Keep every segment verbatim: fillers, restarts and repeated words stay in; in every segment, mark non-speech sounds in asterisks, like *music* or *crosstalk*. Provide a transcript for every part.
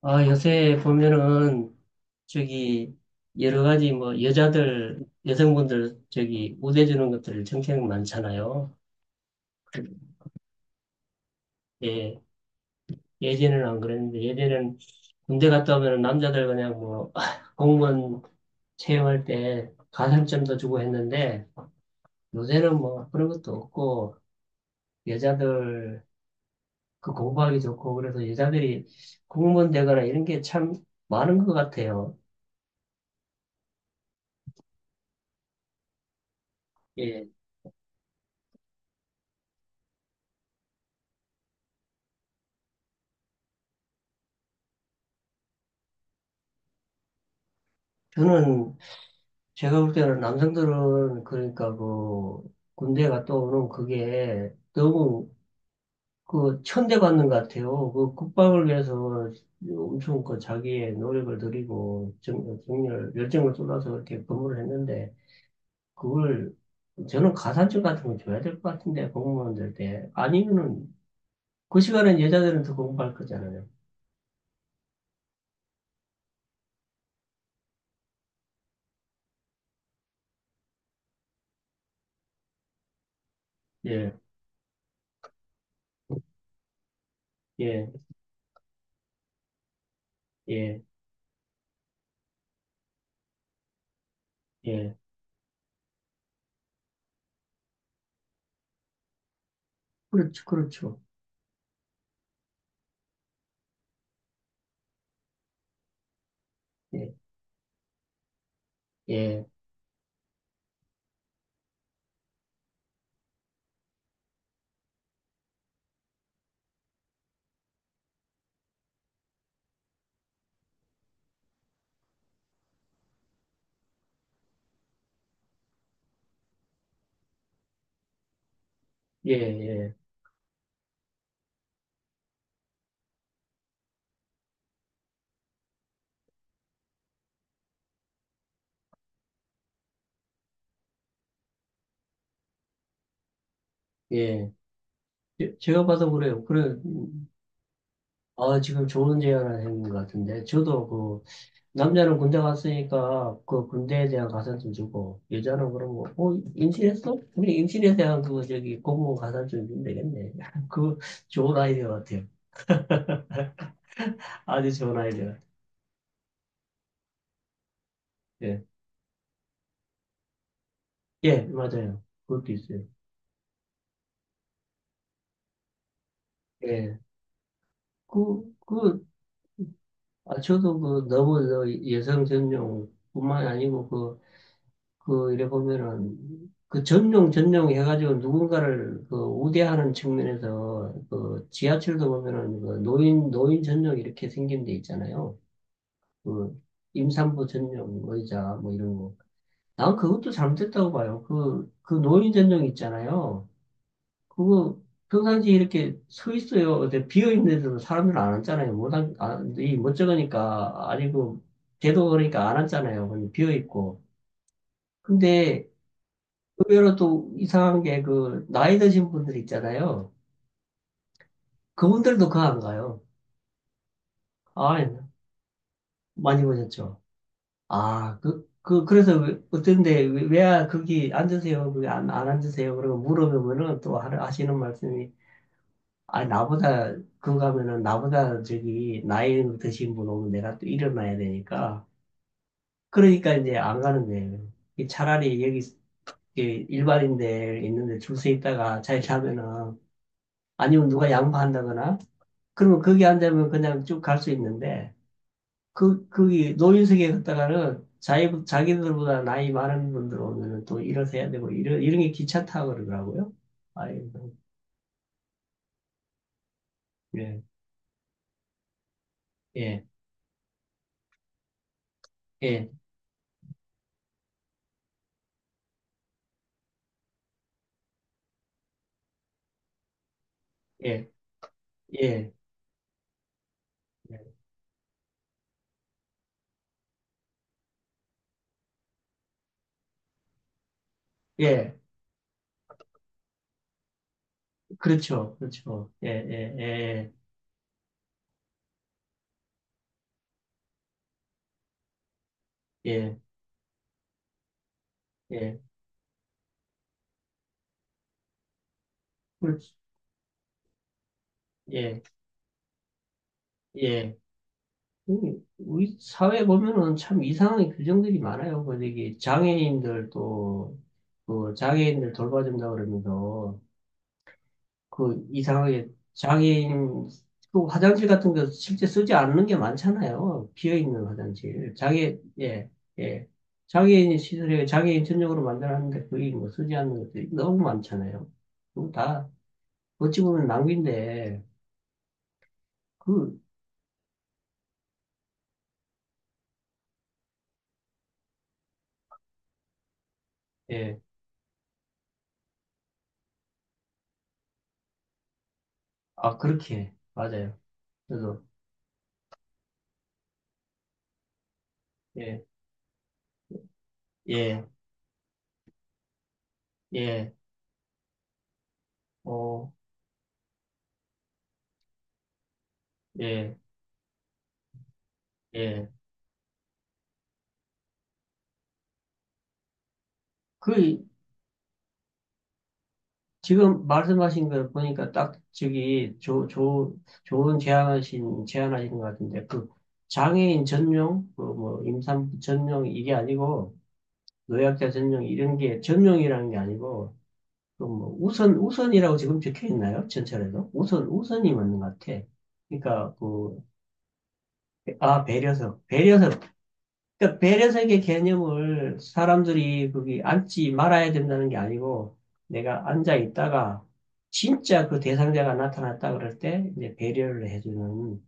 아, 요새 보면은, 저기, 여러 가지 뭐, 여자들, 여성분들, 저기, 우대주는 것들 정책 많잖아요. 예, 예전에는 안 그랬는데, 예전에는 군대 갔다 오면은 남자들 그냥 뭐, *laughs* 공무원 채용할 때 가산점도 주고 했는데, 요새는 뭐, 그런 것도 없고, 여자들, 그 공부하기 좋고, 그래서 여자들이 공무원 되거나 이런 게 참 많은 것 같아요. 예, 저는 제가 볼 때는 남성들은 그러니까 그 군대 갔다 오는 그게 너무 그 천대받는 것 같아요. 그 국방을 위해서 엄청 그 자기의 노력을 들이고 정, 정열 열정을 쏟아서 이렇게 근무를 했는데 그걸 저는 가산점 같은 거 줘야 될 것 같은데 공무원들 때 아니면은 그 시간엔 여자들은 더 공부할 거잖아요. 예, 예, 예, 예. 그렇죠, 그렇죠. 예, 예, 예, 예, 예. 제- 제가 봐서 그래요. 그래, 음, 아, 지금 좋은 제안을 해것 같은데. 저도 그, 남자는 군대 갔으니까 그 군대에 대한 가산점 주고, 여자는 그럼 뭐, 어, 임신했어? 우리 임신에 대한 그거 저기 공무원 가산점 주면 되겠네. *laughs* 그 좋은 아이디어 같아요. 아주 좋은 아이디어 같아요. 예, 예, 맞아요. 그것도 있어요. 예, 그, 그, 아, 저도 그 너무 저 여성 전용뿐만 아니고 그 그 이래 보면은 그 전용 전용 해가지고 누군가를 그 우대하는 측면에서 그 지하철도 보면은 그 노인 노인 전용 이렇게 생긴 데 있잖아요. 그 임산부 전용 뭐 의자 뭐 이런 거. 난 그것도 잘못됐다고 봐요. 그 그 노인 전용 있잖아요. 그거 평상시에 이렇게 서 있어요. 근데 비어 있는 데도 사람들 안 앉잖아요. 못 앉, 안, 이 멋쩍으니까 아니고 제도 그러니까 안 앉잖아요. 비어 있고. 근데 의외로 또 이상한 게 그 나이 드신 분들 있잖아요. 그분들도 그 안 가요. 아, 많이 보셨죠? 아, 그, 그, 그래서 왜- 어떤데, 왜, 왜 거기 앉으세요? 거기 안, 안 앉으세요? 그러고 물어보면은 또 하- 하시는 말씀이, 아, 나보다, 그거 가면은 나보다 저기 나이 드신 분 오면 내가 또 일어나야 되니까. 그러니까 이제 안 가는 데요 차라리 여기 이렇게 일반인들 있는데 줄 서 있다가 잘 자면은 아니면 누가 양보한다거나 그러면 거기 앉으면 그냥 쭉 갈 수 있는데, 그, 거기 노인석에 갔다가는 자기, 자기들보다 나이 많은 분들 오면은 또 일어서야 되고, 이런, 이런 게 귀찮다고 그러더라고요. 아이고, 예, 예, 예, 예, 예, 예, 그렇죠, 그렇죠, 예, 예, 예, 예, 예, 그렇죠, 예, 예. 우리 우리 사회 보면은 참 이상한 규정들이 많아요. 뭐, 저기, 장애인들도, 그 장애인들 돌봐준다 그러면서, 그 이상하게 장애인 그 화장실 같은 거 실제 쓰지 않는 게 많잖아요. 비어 있는 화장실. 장애 예, 예. 장애인 시설에 장애인 전용으로 만들었는데 거의 뭐 쓰지 않는 것들이 너무 많잖아요. 그거 다 어찌 보면 낭비인데 그 예. 아, 그렇게 맞아요. 그래서 예. 예. 예. 어. 예. 예. 그 지금 말씀하신 걸 보니까 딱 저기 조, 조, 좋은 제안하신, 제안하신 것 같은데, 그 장애인 전용, 그 뭐 임산부 전용 이게 아니고, 노약자 전용 이런 게 전용이라는 게 아니고, 그뭐 우선, 우선이라고 지금 적혀 있나요? 전철에도? 우선, 우선이 맞는 것 같아. 그러니까 그, 아, 배려석, 배려석 그러니까 배려석의 개념을 사람들이 거기 앉지 말아야 된다는 게 아니고 내가 앉아 있다가 진짜 그 대상자가 나타났다 그럴 때 이제 배려를 해주는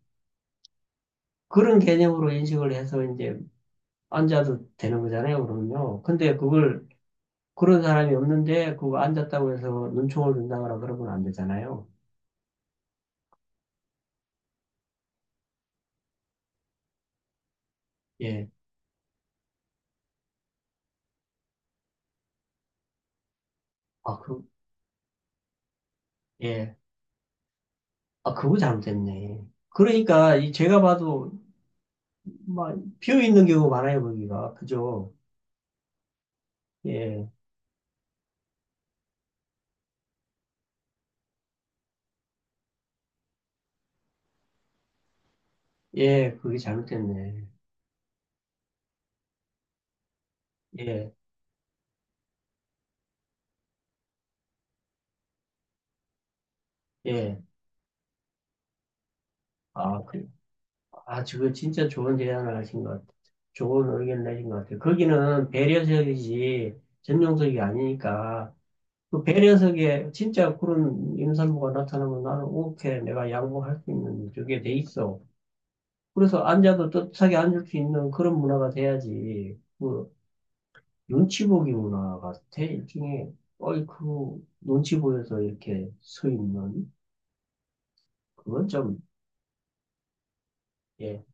그런 개념으로 인식을 해서 이제 앉아도 되는 거잖아요, 그러면요. 근데 그걸 그런 사람이 없는데 그거 앉았다고 해서 눈총을 든다거나 그러면 안 되잖아요. 예. 아, 그, 예. 아, 그거 잘못됐네. 그러니까 이 제가 봐도 막 비어 있는 경우 많아요, 거기가. 그죠? 예. 예, 그게 잘못됐네. 예, 예. 아, 그, 아, 저거 진짜 좋은 제안을 하신 것 같아요. 좋은 의견을 내신 것 같아요. 거기는 배려석이지 전용석이 아니니까. 그 배려석에 진짜 그런 임산부가 나타나면 나는 오케이, 내가 양보할 수 있는 저게 돼 있어. 그래서 앉아도 떳떳하게 앉을 수 있는 그런 문화가 돼야지. 그 눈치 보기 문화가 돼, 일종의. 어이, 그 눈치 보여서 이렇게 서 있는 그건 좀. 예.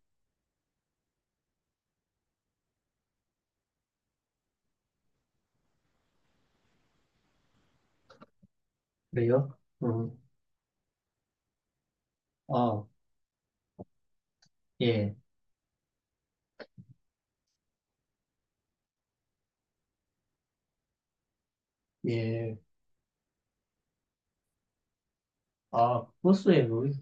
그래요? 음. 아, 예, 예. 아, 버스에 물?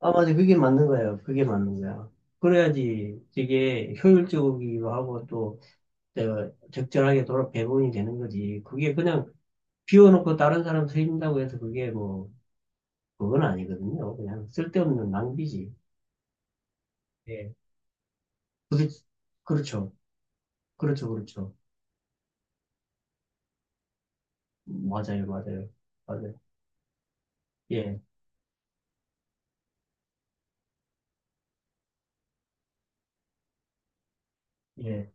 아, 맞아. 그게 맞는 거예요. 그게 맞는 거야. 그래야지 되게 효율적이기도 하고 또 내가 적절하게 돌아 배분이 되는 거지. 그게 그냥 비워놓고 다른 사람 쓰인다고 해서 그게 뭐, 그건 아니거든요. 그냥 쓸데없는 낭비지. 예. 그렇, 그렇죠. 그렇죠. 그렇죠. 맞아요. 맞아요. 맞아요. 예, 예,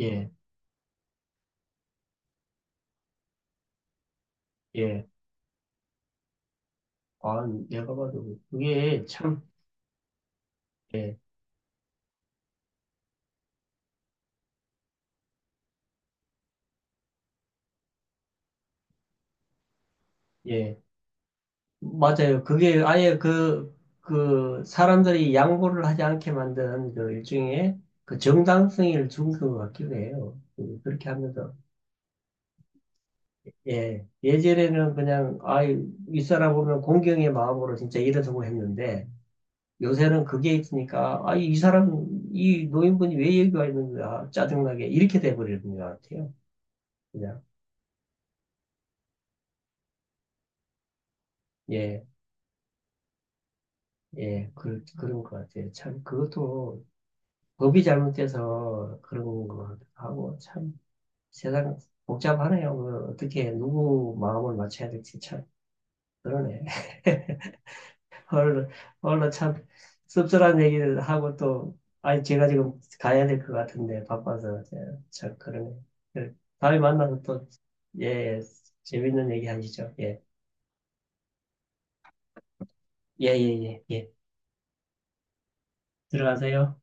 예, 예. 아, 내가 봐도 그게 참, 예, 예. 맞아요. 그게 아예 그, 그 사람들이 양보를 하지 않게 만든 그 일종의 그 정당성을 준 것 같기도 해요. 그- 그렇게 하면서. 예. 예전에는 그냥, 아, 이 사람 보면 공경의 마음으로 진짜 일어서고 했는데, 요새는 그게 있으니까, 아, 이 사람, 이 노인분이 왜 여기 와 있는 거야? 짜증나게. 이렇게 돼버리는 것 같아요. 그냥. 예, 예. 그, 그런 것 같아요. 참, 그것도 법이 잘못돼서 그런 것 같기도 하고, 참. 세상 복잡하네요. 그 어떻게 누구 마음을 맞춰야 될지 참 그러네. *laughs* 얼늘 얼른 참 씁쓸한 얘기를 하고 또 아니 제가 지금 가야 될 것 같은데 바빠서 참 그러네. 그 다음에 만나서 또 예, 예, 재밌는 얘기 하시죠. 예, 예, 예, 예, 예. 들어가세요.